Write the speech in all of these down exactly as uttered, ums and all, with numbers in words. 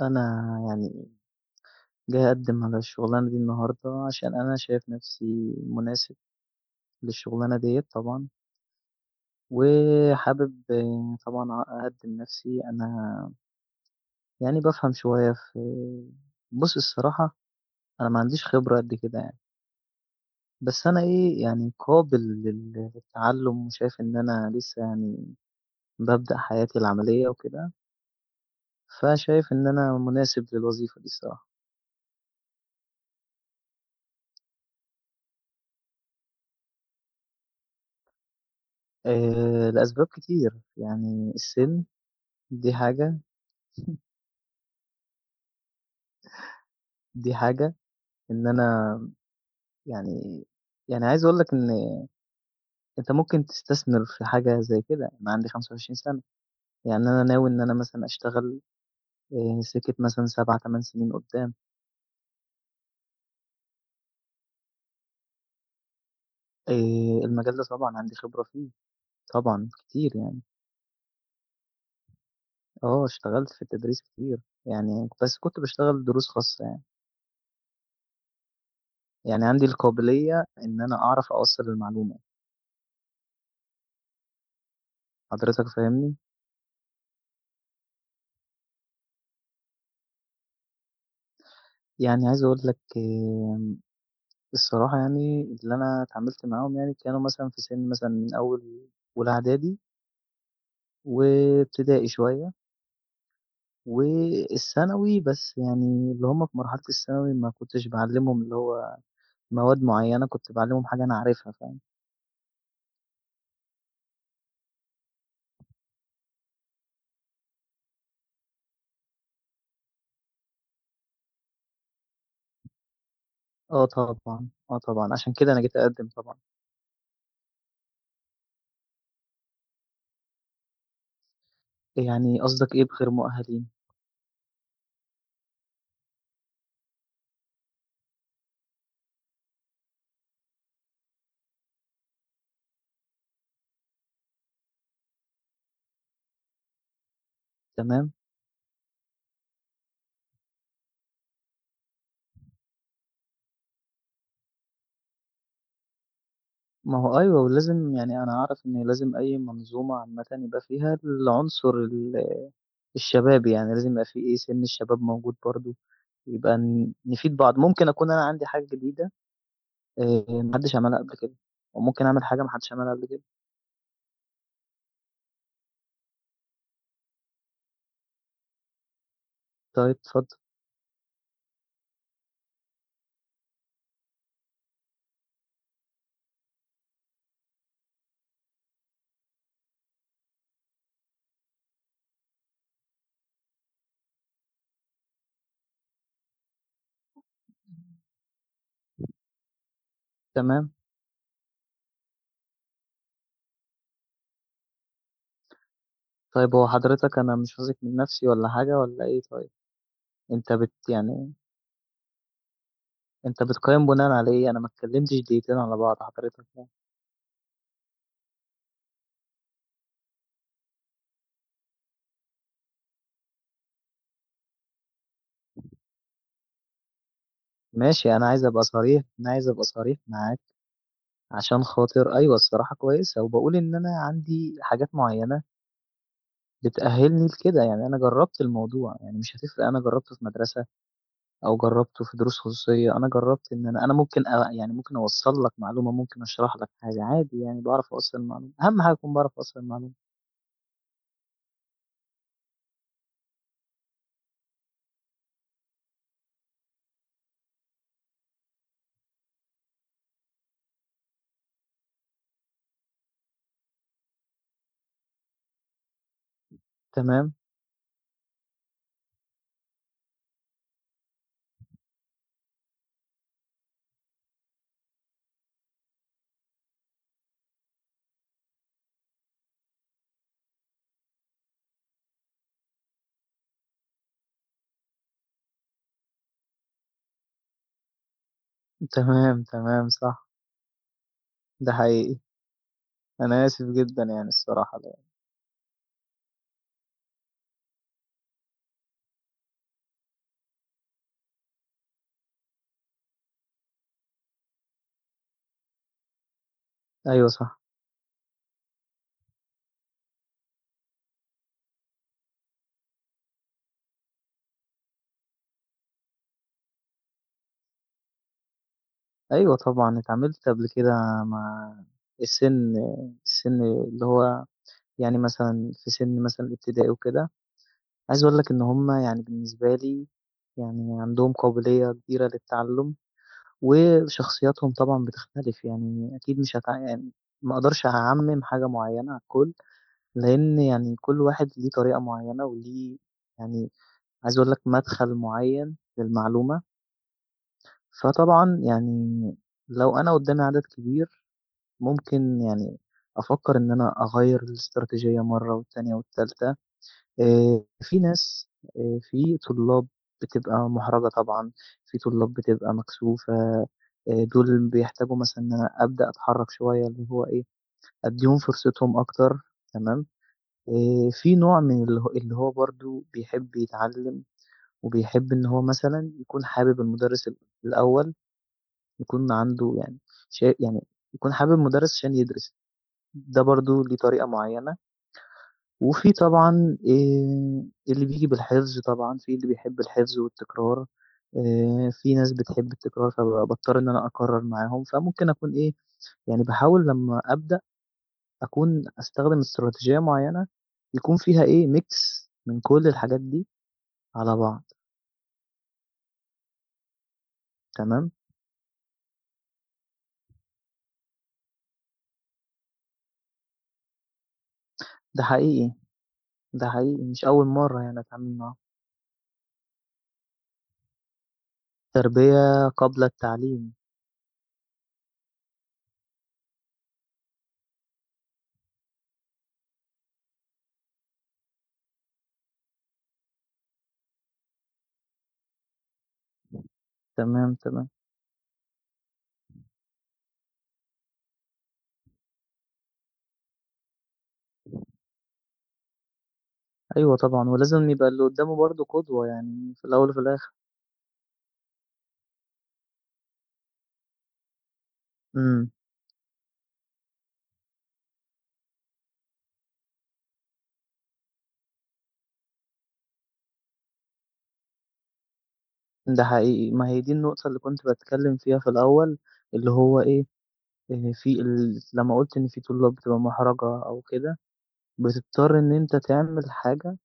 أنا يعني جاي أقدّم على الشغلانة دي النهارده، عشان أنا شايف نفسي مناسب للشغلانة ديّة طبعًا، وحابب آه، طبعًا أ أقدّم نفسي، أنا يعني بافهم شوية في بُص الصراحة أنا ما عنديش خبرة قد كده يعني، بس أنا إيه يعني قابل لل للتعلّم، وشايف إن أنا لسه يعني بابدأ حياتي العملية وكده، فشايف إن أنا مناسب للوظيفة دي الصراحة، آآ لأسباب كتير يعني السِن دي حاجة دي حاجة، إن أنا يعني يعني عايز أقول لك إن أنت ممكن تستثمر في حاجة زي كده، أنا عندي خمسة وعشرين سنة سَنة، يعني أنا ناوي إن أنا مثلًا أشتغل آآ سكة مثلًا سبعة، ثمان سنين قدّام، آآ المجال ده طبعًا عندي خبرة فيه، طبعًا كتير يعني، آه اشتغلت في التدريس كتير، يعني بس كنت باشتغل دروس خاصة يعني، يعني عندي القابلية إن أنا أعرف أوصّل المعلومة، حضرتك فاهمني؟ يعني عايز أقول لك آه، الصراحة يعني اللي أنا اتعاملت معاهم يعني كانوا مثلًا في سِن مثلًا من أول أولى إعدادي وابتدائي شوية والثانوي، بس يعني اللي هم في مرحلة الثانوي ما كنتش باعلّمهم اللي هو مواد معيّنة، كنت باعلّمهم حاجة أنا عارفها فاهم؟ آه طبعًا، آه طبعًا، عشان كده أنا جيت أقدّم طبعًا. يعني قصدك إيه بغير مؤهلين؟ تمام، ما هو أيوه ولازم يعني أنا أعرف إن لازم أي منظومة عامةً يبقى فيها العنصر ال الشباب، يعني لازم يبقى في إيه، سِن الشباب موجود برضه. يبقى ن نفيد بعض. ممكن أكون أنا عندي حاجة جديدة آآ ما حدّش عملها قبل كده، وممكن أعمل حاجة ما حدّش عملها قبل كده. طيب اتفضل، تمام. طيب هو حضرتك أنا مش واثق من نَفْسي والّا حاجة والّا إيه طيب؟ أنت بت يعني أنت بتقيّم بناءً على إيه؟ أنا ما اتكلّمتش دقيقتين على بعض حضرتك يعني. ماشي أنا عايز أبقى صريح، أنا عايز أبقى صريح معاك عشان خاطر أيوه الصراحة كويسة، وباقول إن أنا عندي حاجات معيّنة بتأهّلني لكده، يعني أنا جرّبت الموضوع، يعني مش هتفرق أنا جرّبته في مدرسة او جربته في دروس خصوصيه انا جربت ان انا انا ممكن أ... يعني ممكن اوصل لك معلومه ممكن اشرح لك حاجه عادي يعني بعرف اوصل المعلومه اهم حاجه اكون بعرف اوصل المعلومه تمام تمام تمام صح ده حقيقي انا اسف جدا يعني الصراحه لا. ايوه صح ايوه طبعا اتعاملت قبل كده مع السن السن اللي هو يعني مثلا في سن مثلا الابتدائي وكده عايز اقول لك ان هم يعني بالنسبه لي يعني عندهم قابليه كبيره للتعلم وشخصياتهم طبعًا بتختلف، يعني أكيد مش هتع يعني ما أقدرش أعمِّم حاجة معيّنة على الكل، لإن يعني كل واحد ليه طريقة معيّنة وليه يعني عايز أقول لك مدخل معيّن للمعلومة، فطبعًا يعني لو أنا قدّامي عدد كبير ممكن يعني أفكّر إن أنا أغيّر الاستراتيجية مرّة والتانية والتالتة. آآ في ناس آآ في طلاب بتبقى مُحرَجة طبعًا، في طلاب بتبقى مكسوفة، آآ دول بيحتاجوا مثلًا إن أنا أبدأ أتحرّك شوية اللي هو إيه، أدّيهم فرصتهم أكتر تمام، آآ في نوع من اللي هو اللي هو برضه بيحب يتعلّم وبيحب إن هو مثلًا يكون حابب المُدرِّس ال الأول، يكون عنده يعني شا يعني يكون حابب المُدرِّس عشان يدرس، ده برضه ليه طريقة معيّنة وفي طبعًا آآ اللي بييجي بالحفظ طبعًا، في اللي بيحب الحفظ والتكرار، آآ في ناس بتحب التكرار فباضطر إن أنا أكرر معاهم، فممكن أكون إيه، يعني باحاول لمّا أبدأ أكون أستخدم استراتيجية معيّنة يكون فيها إيه، mix من كل الحاجات دي على بعض تمام، ده حقيقي، ده حقيقي مش أول مرّة يعني أتعامل معاهم. تربية قبل التعليم، تمام، تمام. أيوه طبعًا، ولازم يبقى اللي قدّامه برضه قدوة يعني في الأول وفي الآخر. إمم. ده حقيقي، ما هي دي النقطة اللي كنت باتكلّم فيها في الأول، اللي هو إيه، آآ في ال لمّا قُلت إن في طلاب بتبقى مُحرَجة أو كده، بتضطر إن أنت تعمل حاجة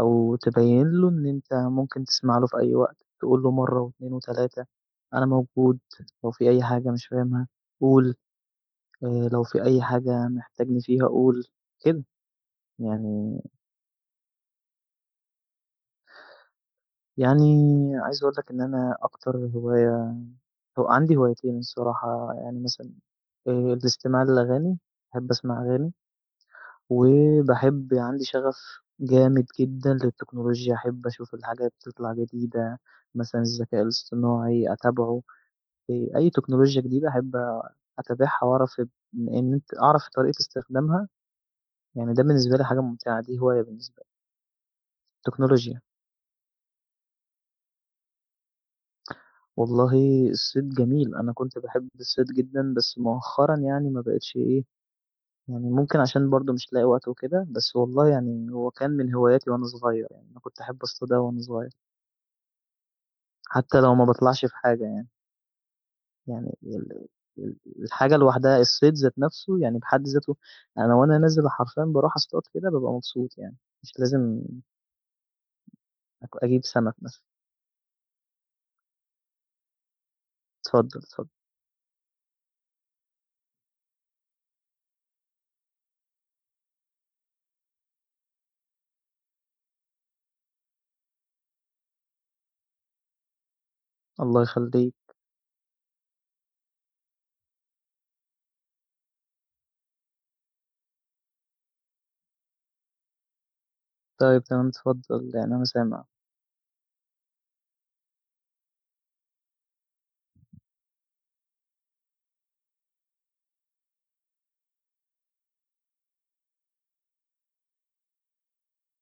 أو تبيّن له إن أنت ممكن تسمع له في أي وقت، تقول له مرّة و2 و3 أنا موجود، لو في أي حاجة مش فاهمها قُل، آآ لو في أي حاجة محتاجني فيها قُل، كده. يعني يعني عايز أقول لك إن أنا أكتر هواية هو عندي هوايتين الصراحة، يعني مثلًا آآ الاستماع للأغاني، باحب أسمع أغاني، وباحب عندي شغف جامد جدًا للتكنولوجيا، أحب أشوف الحاجات تطلع جديدة، مثلًا الذكاء الاصطناعي أتابعه، آآ أي تكنولوجيا جديدة أحب أتابعها وأعرف إن إن أنت أعرف طريقة استخدامها، يعني ده بالنسبة لي حاجة ممتعة، دي هواية بالنسبة لي. التكنولوجيا، والله الصيد جميل، أنا كنت باحب الصيد جدًا، بس مؤخرًا يعني ما بقيتش إيه يعني ممكن عشان برضه مش لاقي وقت وكده، بس والله يعني هو كان من هواياتي وأنا صغير، يعني أنا كنت أحب أصطاد أوي وأنا صغير، حتى لو ما باطلعش في حاجة يعني، يعني ال ال الحاجة لوحدها الصيد ذات نَفْسه يعني بحد ذاته أنا وأنا نازل حرفيًا باروح أصطاد كده بابقى مبسوط يعني، مش لازم أك أجيب سَمَك مثلًا. اتفضل، اتفضل. الله يخلّيك. طيب تمام، اتفضل، يعني أنا سامع.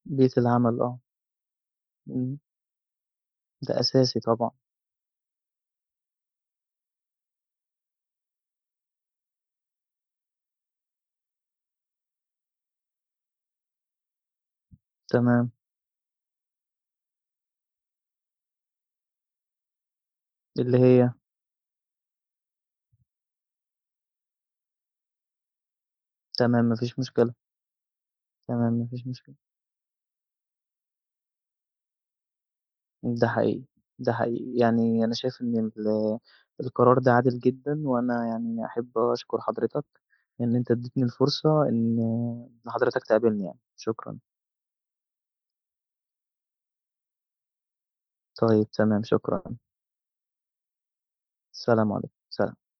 بيئة العمل آه، إمم، ده أساسي طبعًا. تمام، اللي هي؟ تمام، ما فيش مشكلة، تمام، ما فيش مشكلة. ده حقيقي، ده حقيقي. يعني أنا شايف إن ال القرار ده عادل جدًا، وأنا يعني أحب أشكر حضرتك إن أنت ادّيتني الفرصة إن إن حضرتك تقابلني يعني، شكرًا. طيب تمام، شكرًا. سلام عليكم، سلام.